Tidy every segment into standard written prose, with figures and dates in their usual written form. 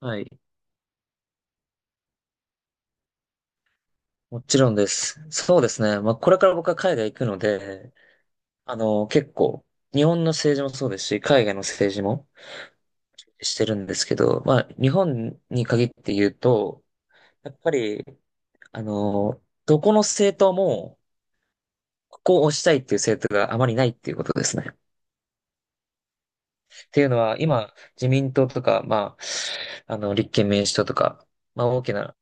はい。もちろんです。そうですね。まあ、これから僕は海外行くので、結構、日本の政治もそうですし、海外の政治もしてるんですけど、まあ、日本に限って言うと、やっぱり、どこの政党も、ここを押したいっていう政党があまりないっていうことですね。っていうのは、今、自民党とか、まあ、立憲民主党とか、まあ、大きな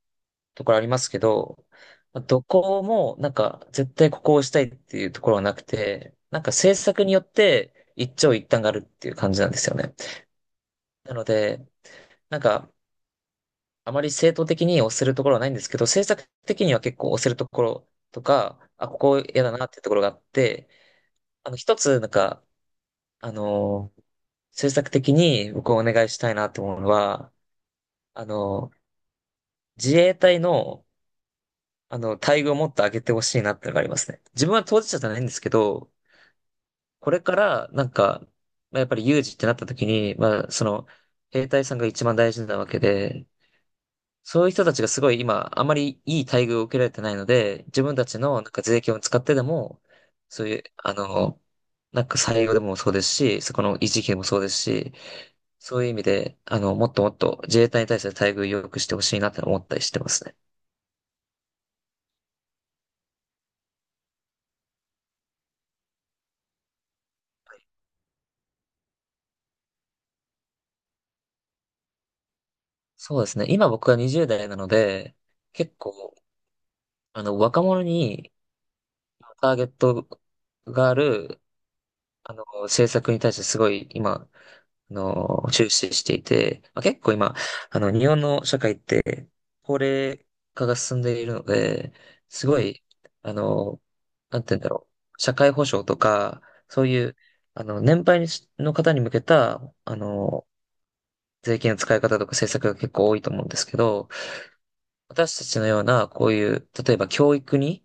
ところありますけど、まあどこもなんか絶対ここを押したいっていうところはなくて、なんか政策によって一長一短があるっていう感じなんですよね。なので、なんかあまり正当的に押せるところはないんですけど、政策的には結構押せるところとか、あ、ここ嫌だなっていうところがあって、一つなんか、あの政策的に僕をお願いしたいなと思うのは、あの自衛隊の待遇をもっと上げてほしいなってのがありますね。自分は当事者じゃないんですけど、これから、なんか、まあ、やっぱり有事ってなった時に、まあ、その、兵隊さんが一番大事なわけで、そういう人たちがすごい今、あまりいい待遇を受けられてないので、自分たちのなんか税金を使ってでも、そういう、なんか採用でもそうですし、そこの維持費でもそうですし、そういう意味で、もっともっと自衛隊に対して待遇を良くしてほしいなって思ったりしてますね。そうですね。今僕は20代なので、結構、若者にターゲットがある、政策に対してすごい今、注視していて、まあ、結構今、日本の社会って、高齢化が進んでいるので、すごい、あの、なんて言うんだろう、社会保障とか、そういう、年配の方に向けた、税金の使い方とか政策が結構多いと思うんですけど、私たちのような、こういう、例えば教育に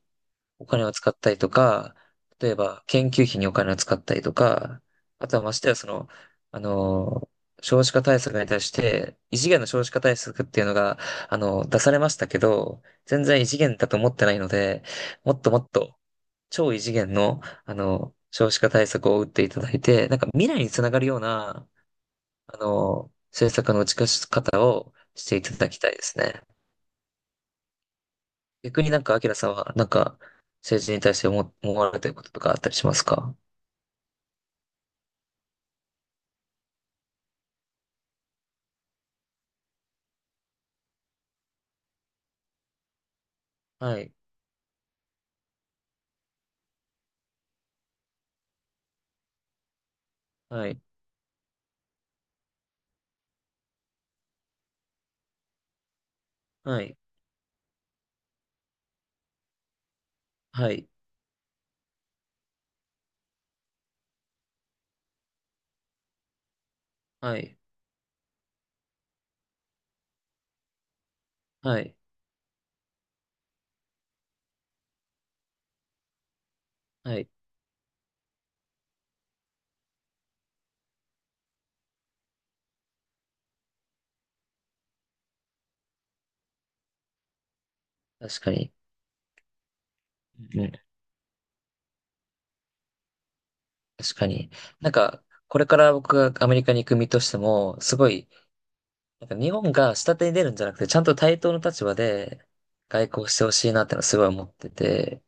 お金を使ったりとか、例えば研究費にお金を使ったりとか、あとはましてはその、あの、少子化対策に対して、異次元の少子化対策っていうのが、出されましたけど、全然異次元だと思ってないので、もっともっと、超異次元の、少子化対策を打っていただいて、なんか未来につながるような、政策の打ち出し方をしていただきたいですね。逆になんか、アキラさんは、なんか、政治に対して思われてることとかあったりしますか？はい、はい、はい、はい、はい、はい、はい。確かに。うん、確かに。なんか、これから僕がアメリカに行く身としても、すごい、なんか日本が下手に出るんじゃなくて、ちゃんと対等の立場で外交してほしいなってのはすごい思ってて、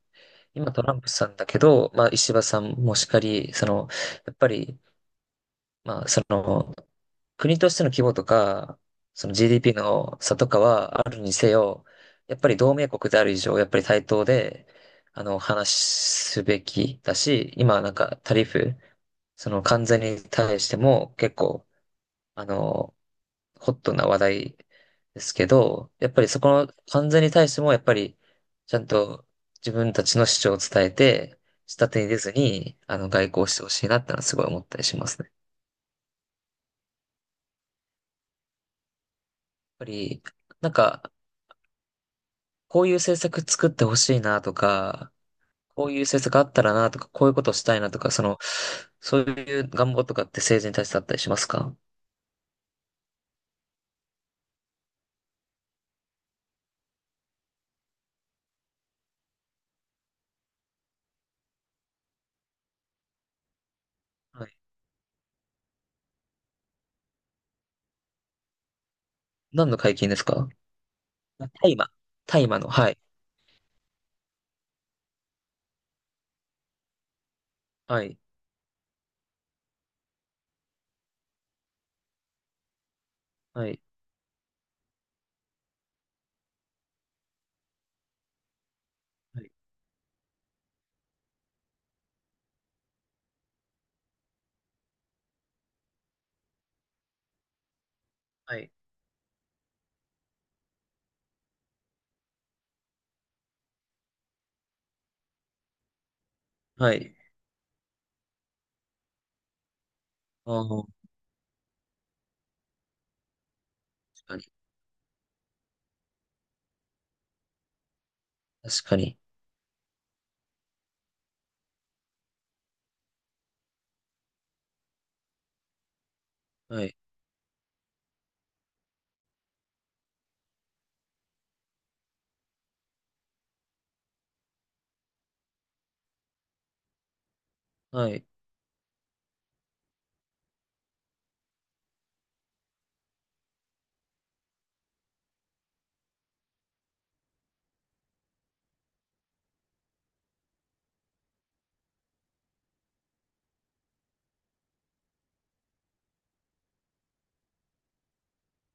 今トランプさんだけど、まあ石破さんもしかり、その、やっぱり、まあその、国としての規模とか、その GDP の差とかはあるにせよ、やっぱり同盟国である以上、やっぱり対等で、話すべきだし、今なんかタリフ、その関税に対しても結構、あの、ホットな話題ですけど、やっぱりそこの関税に対しても、やっぱり、ちゃんと自分たちの主張を伝えて、下手に出ずに、外交してほしいなってのはすごい思ったりしますね。やっぱり、なんか、こういう政策作ってほしいなとか、こういう政策あったらなとか、こういうことしたいなとか、その、そういう願望とかって政治に対してあったりしますか？はい。何の解禁ですか？あ大麻。大麻の、はい。はい。はい。はい。はい。はい。ああ、確かに。確かに。はい。はい。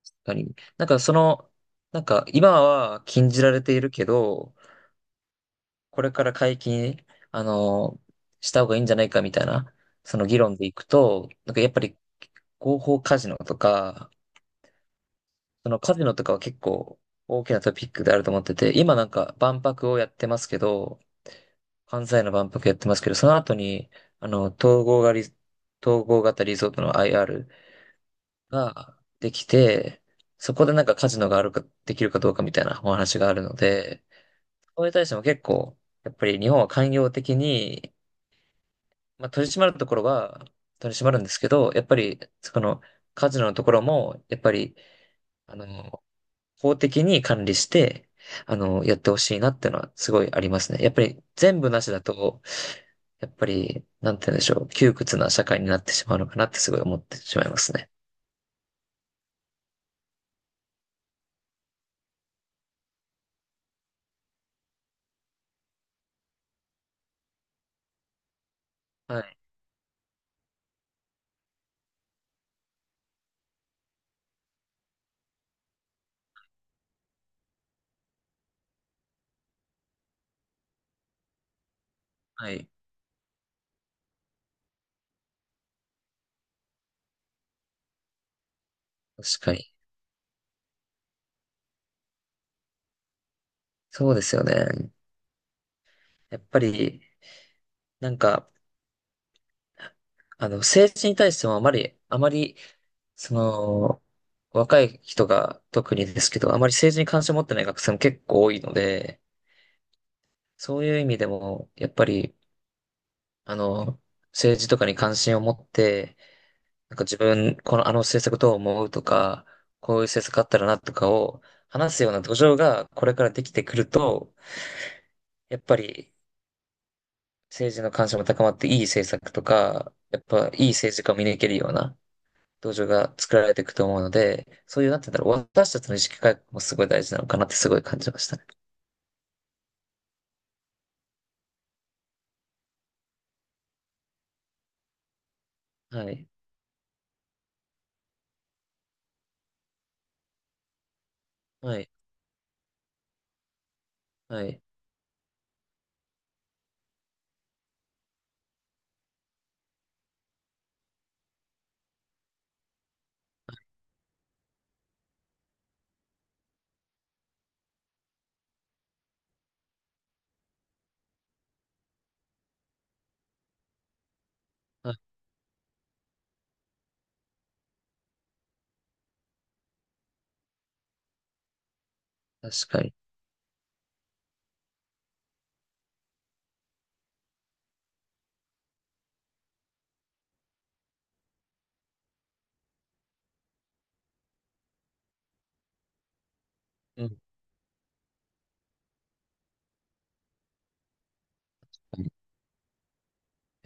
確かに。なんかその、なんか今は禁じられているけど、これから解禁、あの、した方がいいんじゃないかみたいな、その議論でいくと、なんかやっぱり合法カジノとか、そのカジノとかは結構大きなトピックであると思ってて、今なんか万博をやってますけど、関西の万博やってますけど、その後に、あの、統合がリ、統合型リゾートの IR ができて、そこでなんかカジノがあるか、できるかどうかみたいなお話があるので、それに対しても結構、やっぱり日本は寛容的に、まあ、取り締まるところは取り締まるんですけど、やっぱり、その、カジノのところも、やっぱり、あの、法的に管理して、やってほしいなってのはすごいありますね。やっぱり全部なしだと、やっぱり、なんて言うんでしょう、窮屈な社会になってしまうのかなってすごい思ってしまいますね。はい。はい。確かに。そうですよね。やっぱり、なんか、政治に対してもあまり、あまり、その、若い人が特にですけど、あまり政治に関心を持ってない学生も結構多いので、そういう意味でも、やっぱり、あの、政治とかに関心を持って、なんか自分、このあの政策どう思うとか、こういう政策あったらなとかを話すような土壌がこれからできてくると、やっぱり政治の関心も高まっていい政策とか、やっぱいい政治家を見抜けるような土壌が作られていくと思うので、そういう、なんて言うんだろう、私たちの意識改革もすごい大事なのかなってすごい感じましたね。はい。はい。はい。はい。確かに。うん。